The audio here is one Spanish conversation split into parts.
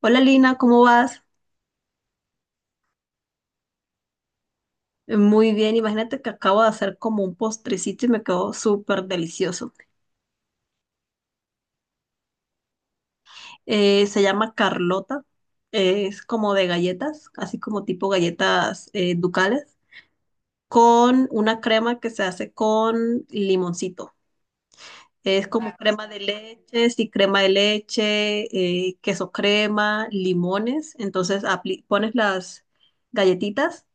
Hola Lina, ¿cómo vas? Muy bien, imagínate que acabo de hacer como un postrecito y me quedó súper delicioso. Se llama Carlota, es como de galletas, así como tipo galletas ducales, con una crema que se hace con limoncito. Es como crema de leche, sí, crema de leche, queso crema, limones. Entonces pones las galletitas,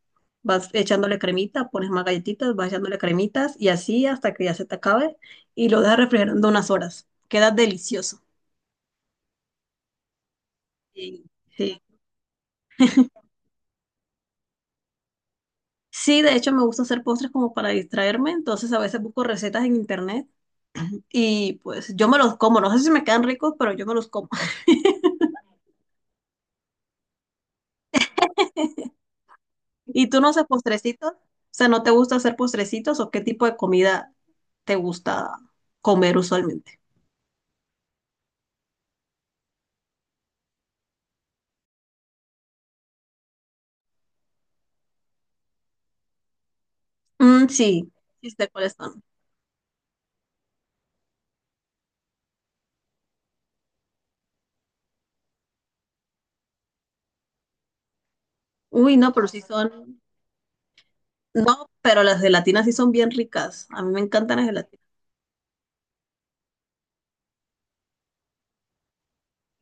vas echándole cremita, pones más galletitas, vas echándole cremitas y así hasta que ya se te acabe y lo dejas refrigerando unas horas. Queda delicioso. Sí, sí. Sí, de hecho me gusta hacer postres como para distraerme, entonces a veces busco recetas en internet y pues yo me los como. No sé si me quedan ricos, pero yo me los como. ¿Y tú no haces postrecitos? O sea, ¿no te gusta hacer postrecitos o qué tipo de comida te gusta comer usualmente? Mm, sí, sí sé cuáles son. Uy, no, pero sí son, no, pero las gelatinas sí son bien ricas. A mí me encantan las gelatinas.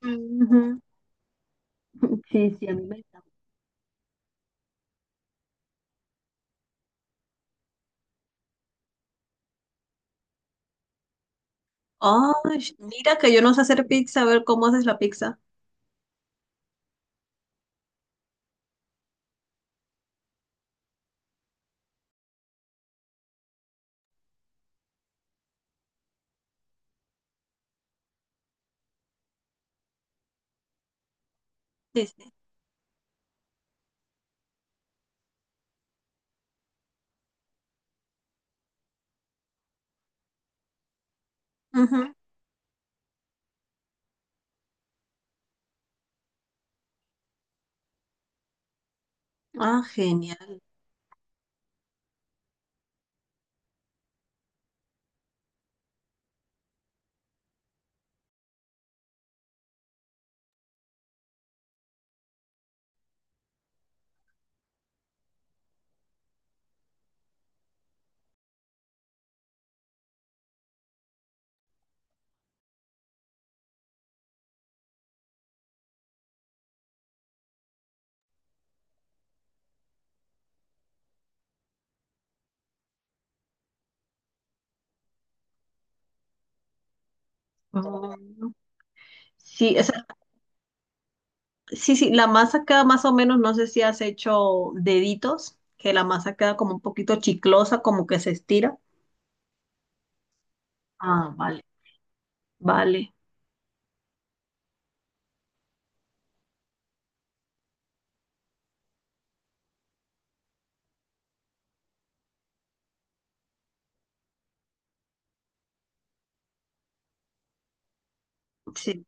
Ujú. Sí, sí, a mí me encanta. Ay, mira que yo no sé hacer pizza, a ver cómo haces la pizza. Sí, sí. Ujú. Ah, genial. Mm. Sí, o sea, sí, sí, la masa queda más o menos, no sé si has hecho deditos, que la masa queda como un poquito chiclosa, como que se estira. Ah, vale. Vale, sí.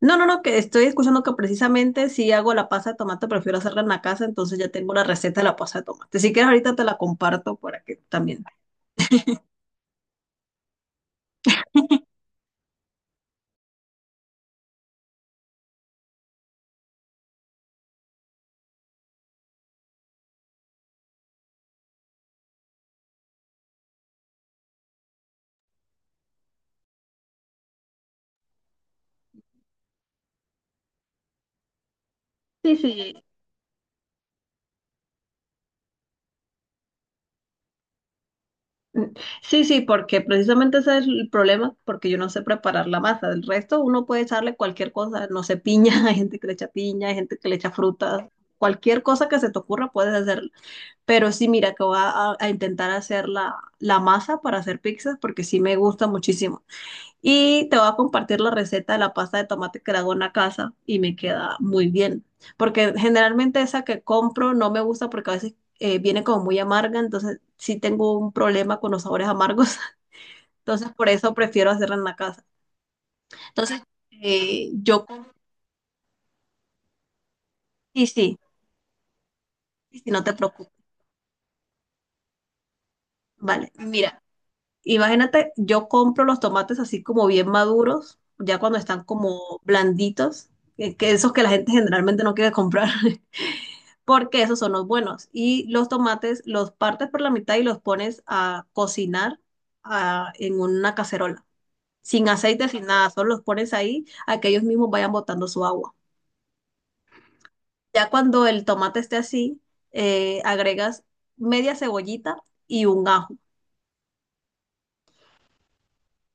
No, no, no, que estoy escuchando que precisamente si hago la pasta de tomate, prefiero hacerla en la casa, entonces ya tengo la receta de la pasta de tomate. Si quieres, ahorita te la comparto para que también. Sí, sí, mm, sí, sí, porque precisamente ese es el problema, porque yo no sé preparar la masa. Del resto, uno puede echarle cualquier cosa, no sé, piña, hay gente que le echa piña, hay gente que le echa frutas, cualquier cosa que se te ocurra puedes hacerla. Pero sí, mira, que a intentar hacer la masa para hacer pizzas, porque sí me gusta muchísimo. Y te voy a compartir la receta de la pasta de tomate que la hago en la casa y me queda muy bien. Porque generalmente esa que compro no me gusta porque a veces viene como muy amarga, entonces sí tengo un problema con los sabores amargos. Entonces por eso prefiero hacerla en la casa. Entonces yo compro, y sí, y si no te preocupes. Vale, mira, imagínate, yo compro los tomates así como bien maduros, ya cuando están como blanditos, que esos que la gente generalmente no quiere comprar. Porque esos son los buenos. Y los tomates los partes por la mitad y los pones a cocinar ah, en una cacerola, sin aceite, sin nada, solo los pones ahí a que ellos mismos vayan botando su agua. Ya cuando el tomate esté así, agregas media cebollita y un ajo.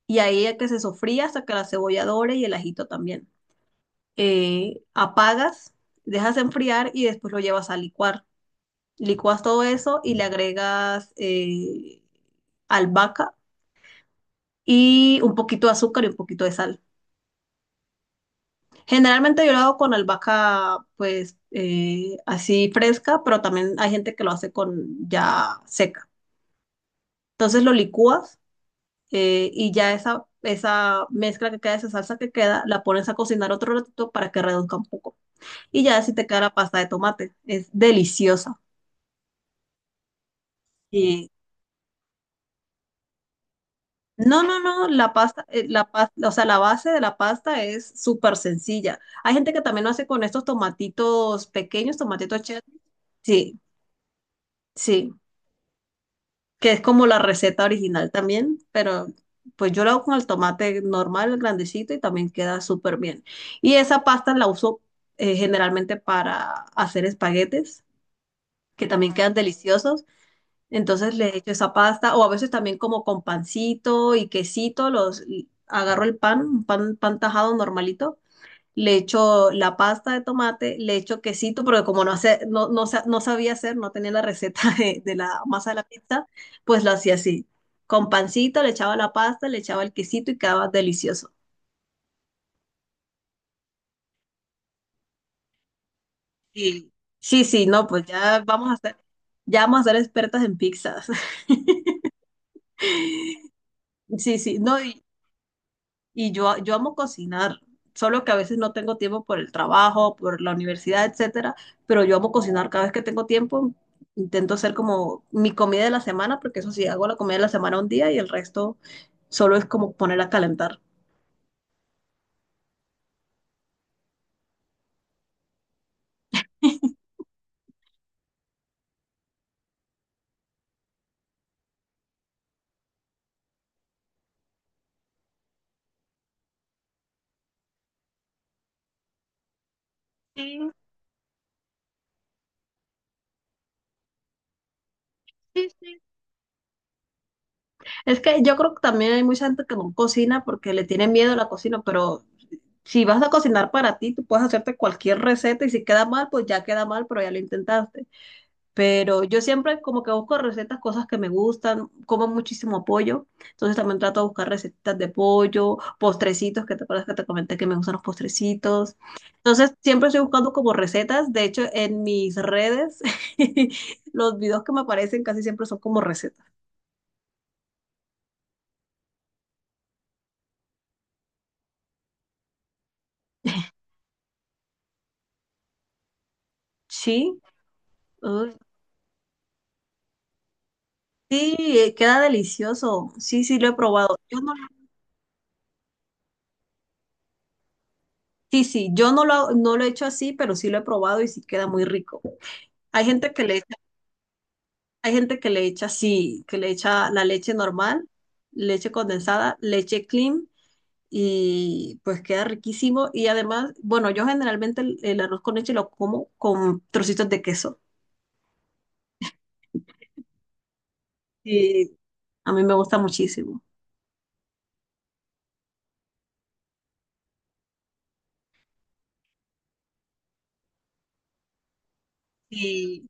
Y ahí es que se sofría hasta que la cebolla dore y el ajito también. Apagas, dejas enfriar y después lo llevas a licuar. Licuas todo eso y le agregas albahaca y un poquito de azúcar y un poquito de sal. Generalmente yo lo hago con albahaca, pues así fresca, pero también hay gente que lo hace con ya seca. Entonces lo licúas y ya esa mezcla que queda, esa salsa que queda, la pones a cocinar otro ratito para que reduzca un poco. Y ya así te queda la pasta de tomate. Es deliciosa. Y no, no, no, la pasta, o sea, la base de la pasta es súper sencilla. Hay gente que también lo hace con estos tomatitos pequeños, tomatitos cheddar. Sí, sí, que es como la receta original también, pero pues yo la hago con el tomate normal, grandecito, y también queda súper bien. Y esa pasta la uso generalmente para hacer espaguetes, que también quedan deliciosos. Entonces le echo esa pasta, o a veces también como con pancito y quesito, los y agarro el pan, pan tajado normalito, le echo la pasta de tomate, le echo quesito, porque como no, hace, no, no, no sabía hacer, no tenía la receta de la masa de la pizza, pues lo hacía así. Con pancito, le echaba la pasta, le echaba el quesito y quedaba delicioso. Y sí, sí, no, pues ya vamos a ser expertas en pizzas. Sí, sí, no, y, yo amo cocinar, solo que a veces no tengo tiempo por el trabajo, por la universidad, etcétera, pero yo amo cocinar cada vez que tengo tiempo. Intento hacer como mi comida de la semana, porque eso sí, hago la comida de la semana un día y el resto solo es como ponerla a calentar. Sí, sí, sí. Es que yo creo que también hay mucha gente que no cocina porque le tiene miedo a la cocina, pero si vas a cocinar para ti, tú puedes hacerte cualquier receta y si queda mal, pues ya queda mal, pero ya lo intentaste. Pero yo siempre como que busco recetas, cosas que me gustan, como muchísimo pollo, entonces también trato de buscar recetas de pollo, postrecitos, que te acuerdas que te comenté que me gustan los postrecitos. Entonces siempre estoy buscando como recetas, de hecho en mis redes los videos que me aparecen casi siempre son como recetas. Sí, uy, sí, queda delicioso, sí, sí lo he probado. Yo no, sí, sí, yo no lo, no lo he hecho así, pero sí lo he probado y sí queda muy rico. Hay gente que le Hay gente que le echa así, que le echa la leche normal, leche condensada, leche clean y pues queda riquísimo. Y además, bueno, yo generalmente el arroz con leche lo como con trocitos de queso. Y a mí me gusta muchísimo. Y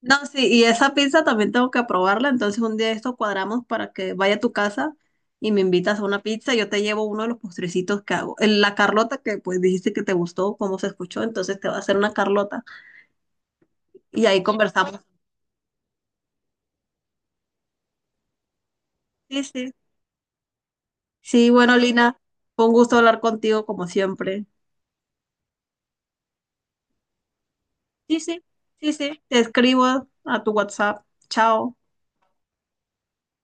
no, sí, y esa pizza también tengo que probarla. Entonces un día esto cuadramos para que vaya a tu casa y me invitas a una pizza. Yo te llevo uno de los postrecitos que hago. El- La Carlota que pues dijiste que te gustó, cómo se escuchó, entonces te va a hacer una Carlota. Y ahí conversamos sí, sí. Sí, bueno, Lina, fue un gusto hablar contigo como siempre. Sí, sí, sí, sí. Te escribo a tu WhatsApp. Chao.